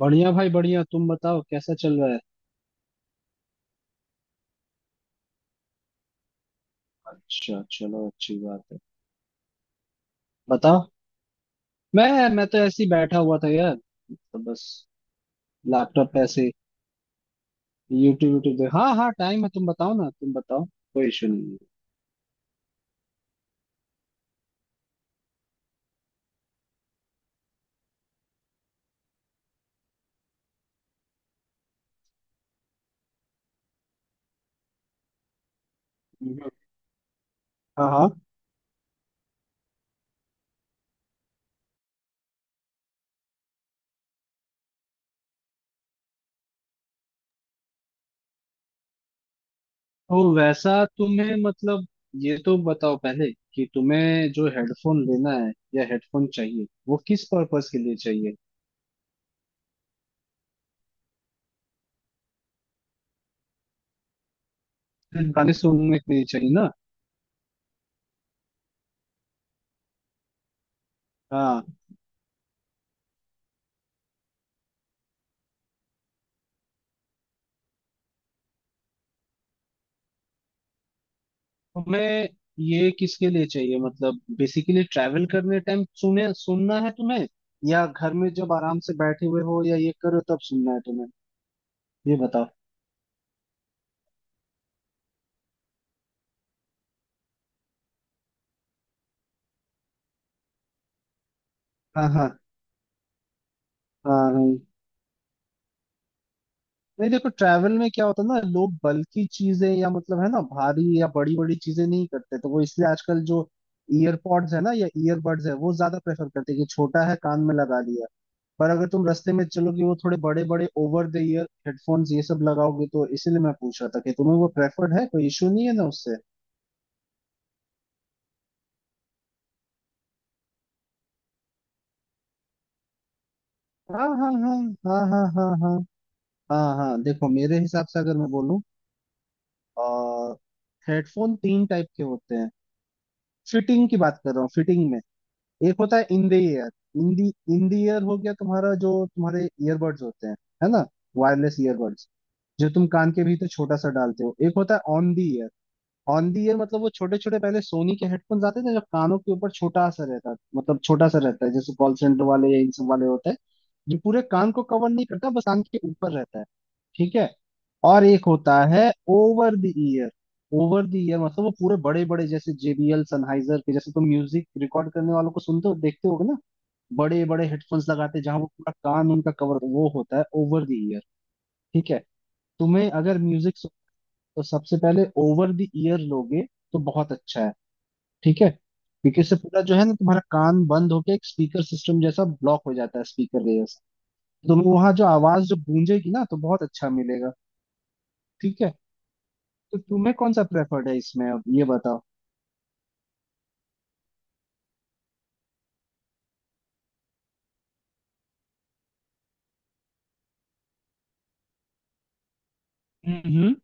बढ़िया भाई बढ़िया। तुम बताओ कैसा चल रहा है। अच्छा चलो अच्छी बात है। बताओ। मैं तो ऐसे ही बैठा हुआ था यार। तो बस लैपटॉप पे ऐसे यूट्यूब यूट्यूब देख। हाँ हाँ टाइम है। तुम बताओ ना तुम बताओ कोई इशू नहीं है। हम्म, हाँ हाँ। तो वैसा तुम्हें मतलब ये तो बताओ पहले कि तुम्हें जो हेडफोन लेना है या हेडफोन चाहिए वो किस पर्पस के लिए चाहिए। सिर्फ गाने सुनने के लिए चाहिए ना। हाँ। तुम्हें ये किसके लिए चाहिए मतलब बेसिकली ट्रैवल करने टाइम सुने सुनना है तुम्हें, या घर में जब आराम से बैठे हुए हो या ये करो तब सुनना है तुम्हें। ये बताओ। हाँ हाँ हाँ हाँ। नहीं देखो ट्रैवल में क्या होता है ना, लोग बल्कि चीजें या मतलब है ना भारी या बड़ी बड़ी चीजें नहीं करते, तो वो इसलिए आजकल जो ईयरपॉड्स है ना या ईयरबड्स है वो ज्यादा प्रेफर करते हैं कि छोटा है कान में लगा लिया। पर अगर तुम रास्ते में चलोगे वो थोड़े बड़े बड़े ओवर द ईयर हेडफोन्स ये सब लगाओगे, तो इसीलिए मैं पूछ रहा था कि तुम्हें वो प्रेफर्ड है, कोई इशू नहीं है ना उससे। हाँ हाँ हाँ हाँ हाँ हाँ हाँ हाँ हाँ। देखो मेरे हिसाब से अगर मैं बोलूँ, हेडफोन 3 टाइप के होते हैं। फिटिंग की बात कर रहा हूँ, फिटिंग में। एक होता है in the ear. In the in the ear हो गया तुम्हारा जो तुम्हारे ईयरबड्स होते हैं, है ना। वायरलेस ईयरबड्स, जो तुम कान के भीतर छोटा सा डालते हो। एक होता है on the ear. On the ear मतलब वो छोटे छोटे पहले सोनी के हेडफोन्स आते थे जो कानों के ऊपर छोटा सा रहता है, मतलब छोटा सा रहता है जैसे कॉल सेंटर वाले या इन सब वाले होते हैं। जो पूरे कान को कवर नहीं करता बस कान के ऊपर रहता है। ठीक है। और एक होता है over the ear. Over the ear मतलब वो पूरे बड़े बड़े जैसे जेबीएल सनहाइजर के जैसे तुम म्यूजिक रिकॉर्ड करने वालों को सुनते हो, देखते होगे ना, बड़े बड़े हेडफोन्स लगाते हैं, जहाँ वो पूरा कान उनका कवर, वो होता है ओवर द ईयर। ठीक है। तुम्हें अगर म्यूजिक, तो सबसे पहले ओवर द ईयर लोगे तो बहुत अच्छा है। ठीक है। स्पीकर से पूरा जो है ना तुम्हारा कान बंद होके एक स्पीकर सिस्टम जैसा ब्लॉक हो जाता है स्पीकर के जैसा। तुम्हें वहां जो आवाज जो गूंजेगी ना, तो बहुत अच्छा मिलेगा। ठीक है। तो तुम्हें कौन सा प्रेफर्ड है इसमें, अब ये बताओ। हम्म।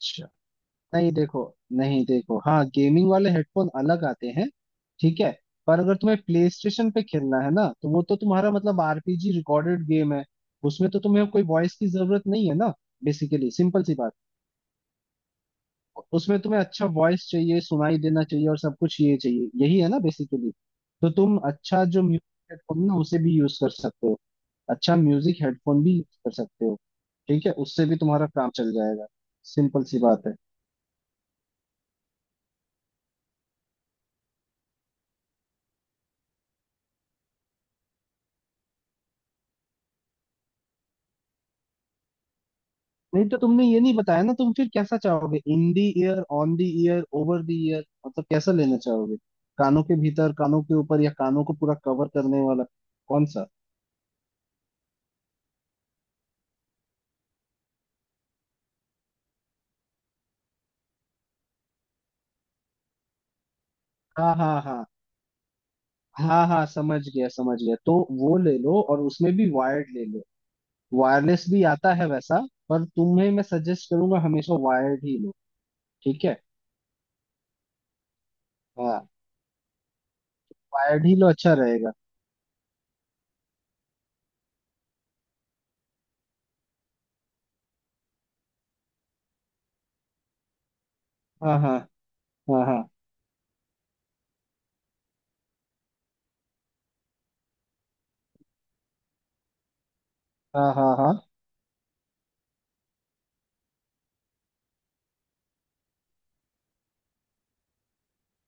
अच्छा, नहीं देखो नहीं देखो हाँ, गेमिंग वाले हेडफोन अलग आते हैं। ठीक है। पर अगर तुम्हें प्ले स्टेशन पे खेलना है ना, तो वो तो तुम्हारा मतलब आरपीजी रिकॉर्डेड गेम है, उसमें तो तुम्हें कोई वॉइस की जरूरत नहीं है ना। बेसिकली सिंपल सी बात, उसमें तुम्हें अच्छा वॉइस चाहिए, सुनाई देना चाहिए और सब कुछ ये चाहिए, यही है ना बेसिकली। तो तुम अच्छा जो म्यूजिक हेडफोन ना उसे भी यूज कर सकते हो। अच्छा म्यूजिक हेडफोन भी यूज कर सकते हो। ठीक है, उससे भी तुम्हारा काम चल जाएगा। सिंपल सी बात है। नहीं तो तुमने ये नहीं बताया ना, तुम फिर कैसा चाहोगे, in the ear on the ear over the ear, मतलब कैसा लेना चाहोगे। कानों के भीतर, कानों के ऊपर, या कानों को पूरा कवर करने वाला, कौन सा। हाँ हाँ हाँ। हाँ हाँ समझ गया समझ गया। तो वो ले लो, और उसमें भी वायर्ड ले लो। वायरलेस भी आता है वैसा, पर तुम्हें मैं सजेस्ट करूंगा हमेशा वायर्ड ही लो। ठीक है। हाँ, वायर्ड ही लो अच्छा रहेगा। हाँ हाँ हाँ हाँ हाँ हाँ हाँ।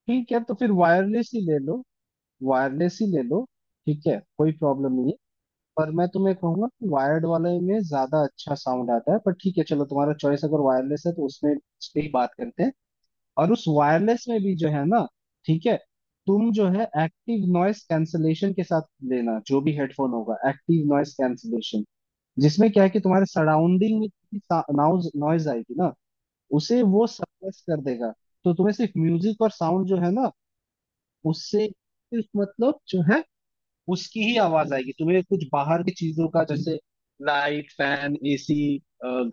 ठीक है तो फिर वायरलेस ही ले लो। वायरलेस ही ले लो। ठीक है कोई प्रॉब्लम नहीं है। पर मैं तुम्हें कहूंगा कि वायर्ड वाले में ज्यादा अच्छा साउंड आता है, पर ठीक है चलो, तुम्हारा चॉइस अगर वायरलेस है तो उसमें इस पे ही बात करते हैं। और उस वायरलेस में भी जो है ना, ठीक है, तुम जो है एक्टिव नॉइस कैंसलेशन के साथ लेना, जो भी हेडफोन होगा एक्टिव नॉइस कैंसलेशन, जिसमें क्या है कि तुम्हारे सराउंडिंग में नॉइज नॉइज आएगी ना, उसे वो सप्रेस कर देगा। तो तुम्हें सिर्फ म्यूजिक और साउंड जो है ना, उससे सिर्फ मतलब जो है, उसकी ही आवाज आएगी तुम्हें। कुछ बाहर की चीजों का, जैसे लाइट फैन एसी,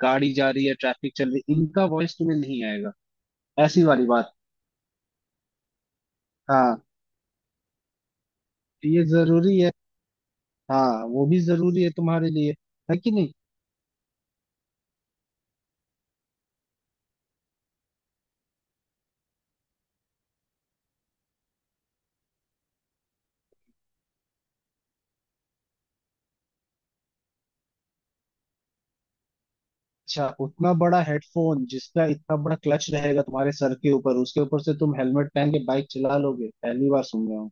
गाड़ी जा रही है, ट्रैफिक चल रही है, इनका वॉइस तुम्हें नहीं आएगा। ऐसी वाली बात। हाँ, तो ये जरूरी है। हाँ वो भी जरूरी है तुम्हारे लिए, है कि नहीं। अच्छा, उतना बड़ा हेडफोन जिसका इतना बड़ा क्लच रहेगा तुम्हारे सर के ऊपर, उसके ऊपर से तुम हेलमेट पहन के बाइक चला लोगे, पहली बार सुन रहा हूँ।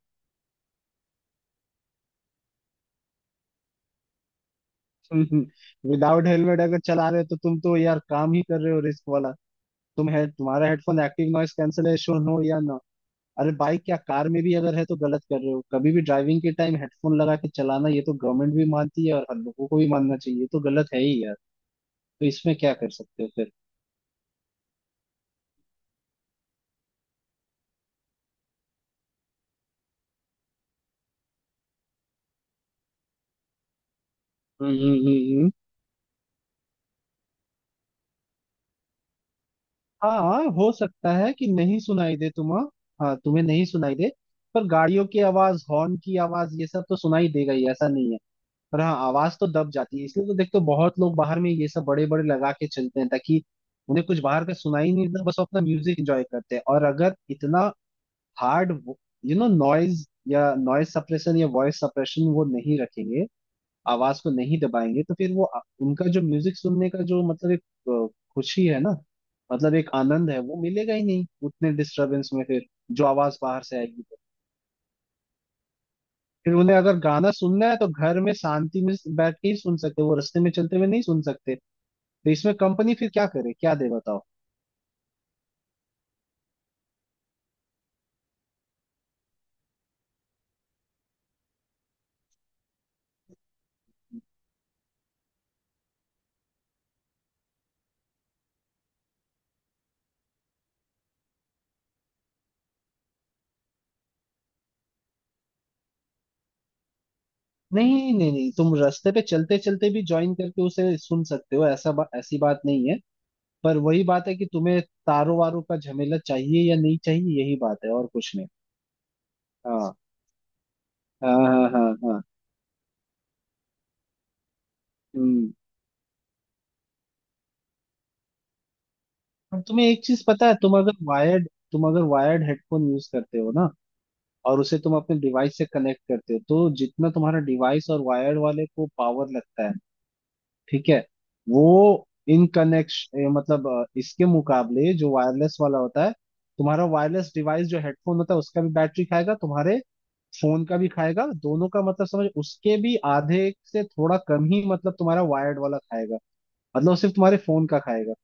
विदाउट हेलमेट अगर चला रहे हो तो तुम तो यार काम ही कर रहे हो रिस्क वाला। तुम है, तुम्हारा हेडफोन एक्टिव नॉइस कैंसलेशन हो या ना। अरे बाइक क्या, कार में भी अगर है तो गलत कर रहे हो। कभी भी ड्राइविंग के टाइम हेडफोन लगा के चलाना, ये तो गवर्नमेंट भी मानती है और हम लोगों को भी मानना चाहिए, ये तो गलत है ही यार। तो इसमें क्या कर सकते हो फिर। हम्म हम्म हम्म हम्म। हाँ हो सकता है कि नहीं सुनाई दे तुम्हें, हाँ हाँ, तुम्हें नहीं सुनाई दे, पर गाड़ियों की आवाज हॉर्न की आवाज ये सब तो सुनाई देगा ही, ऐसा नहीं है। पर हाँ आवाज तो दब जाती है, इसलिए तो देखते हो बहुत लोग बाहर में ये सब बड़े बड़े लगा के चलते हैं ताकि उन्हें कुछ बाहर का सुनाई नहीं देता, बस वो अपना म्यूजिक एंजॉय करते हैं। और अगर इतना हार्ड, यू नो, नॉइज या नॉइज सप्रेशन या वॉइस सप्रेशन वो नहीं रखेंगे, आवाज को नहीं दबाएंगे, तो फिर वो उनका जो म्यूजिक सुनने का जो मतलब एक अ, खुशी है ना, मतलब एक आनंद है, वो मिलेगा ही नहीं उतने डिस्टरबेंस में फिर, जो आवाज बाहर से आएगी तो। फिर उन्हें अगर गाना सुनना है तो घर में शांति में बैठ के ही सुन सकते, वो रास्ते में चलते हुए नहीं सुन सकते। तो इसमें कंपनी फिर क्या करे क्या दे बताओ। नहीं नहीं नहीं, तुम रास्ते पे चलते चलते भी ज्वाइन करके उसे सुन सकते हो, ऐसी बात नहीं है। पर वही बात है कि तुम्हें तारों वारों का झमेला चाहिए या नहीं चाहिए, यही बात है और कुछ नहीं। हाँ हाँ हाँ हाँ हाँ। हम्म। और तुम्हें एक चीज पता है, तुम अगर वायर्ड हेडफोन यूज करते हो ना, और उसे तुम अपने डिवाइस से कनेक्ट करते हो, तो जितना तुम्हारा डिवाइस और वायर्ड वाले को पावर लगता है, ठीक है, वो इन कनेक्शन मतलब इसके मुकाबले जो वायरलेस वाला होता है, तुम्हारा वायरलेस डिवाइस जो हेडफोन होता है उसका भी बैटरी खाएगा, तुम्हारे फोन का भी खाएगा, दोनों का मतलब समझ। उसके भी आधे से थोड़ा कम ही मतलब तुम्हारा वायर्ड वाला खाएगा, मतलब वो सिर्फ तुम्हारे फोन का खाएगा।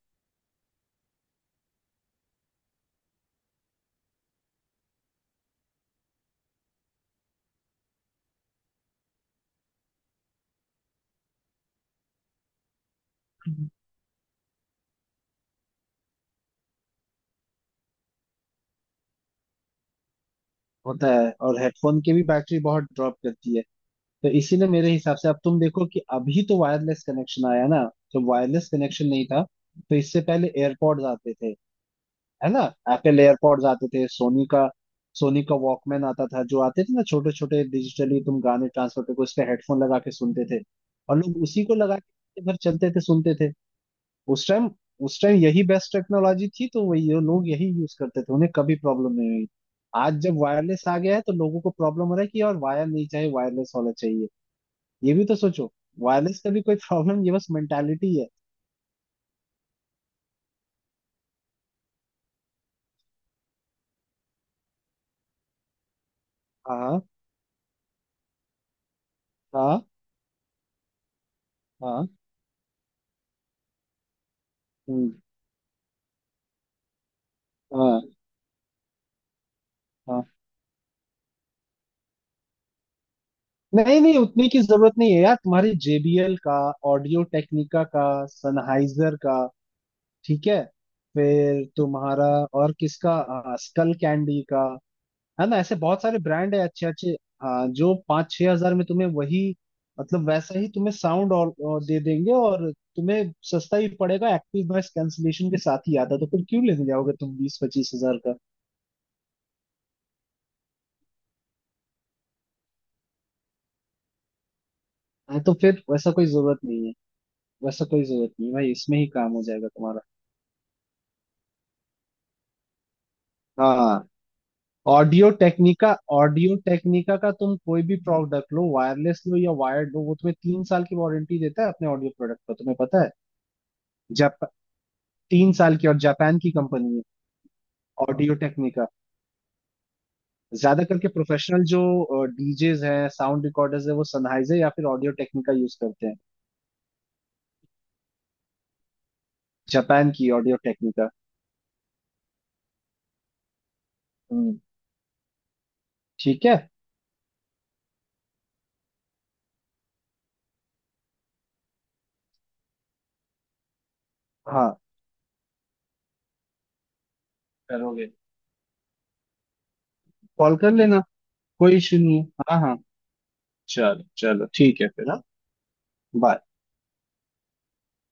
होता है, और हेडफोन की भी बैटरी बहुत ड्रॉप करती है। तो इसी ने मेरे हिसाब से, अब तुम देखो कि अभी तो वायरलेस कनेक्शन आया ना, जब वायरलेस कनेक्शन नहीं था, तो इससे पहले एयरपॉड्स आते थे, है ना। एप्पल एयरपॉड्स आते थे, सोनी का वॉकमैन आता था, जो आते थे ना छोटे छोटे, डिजिटली तुम गाने ट्रांसफर करके उस पे हेडफोन लगा के सुनते थे, और लोग उसी को लगा के घर चलते थे सुनते थे। उस टाइम उस टाइम यही बेस्ट टेक्नोलॉजी थी, तो वही ये लोग यही यूज करते थे, उन्हें कभी प्रॉब्लम नहीं हुई। आज जब वायरलेस आ गया है तो लोगों को प्रॉब्लम हो रहा है कि यार वायर नहीं चाहिए वायरलेस होना चाहिए। ये भी तो सोचो, वायरलेस का भी कोई प्रॉब्लम, ये बस मेंटालिटी है। हाँ हाँ हाँ। हम्म, हाँ हाँ। नहीं नहीं, उतनी की जरूरत नहीं है यार तुम्हारी। JBL का, ऑडियो टेक्निका का, सनहाइजर का। ठीक है। फिर तुम्हारा और किसका, स्कल कैंडी का। है ना ऐसे बहुत सारे ब्रांड है अच्छे अच्छे। जो 5-6 हज़ार में तुम्हें वही, मतलब वैसा ही तुम्हें साउंड और दे देंगे, और तुम्हें सस्ता ही पड़ेगा, एक्टिव नॉइस कैंसलेशन के साथ ही आता है, तो फिर क्यों लेने जाओगे तुम 20-25 हज़ार का। हाँ, तो फिर वैसा कोई जरूरत नहीं है। वैसा कोई जरूरत नहीं है भाई, इसमें ही काम हो जाएगा तुम्हारा। हाँ। ऑडियो टेक्निका का तुम कोई भी प्रोडक्ट लो, वायरलेस लो या वायर्ड लो, वो तुम्हें 3 साल की वारंटी देता है अपने ऑडियो प्रोडक्ट पर, तुम्हें पता है। जाप 3 साल की, और जापान की कंपनी है ऑडियो टेक्निका। ज्यादा करके प्रोफेशनल जो डीजेज हैं साउंड रिकॉर्डर्स हैं वो सनहाइजर या फिर ऑडियो टेक्निका यूज करते हैं। जापान की ऑडियो टेक्निका। हम्म। ठीक है। हाँ करोगे, कॉल कर लेना, कोई इशू नहीं है। हाँ हाँ। चलो चलो ठीक है फिर, हाँ बाय।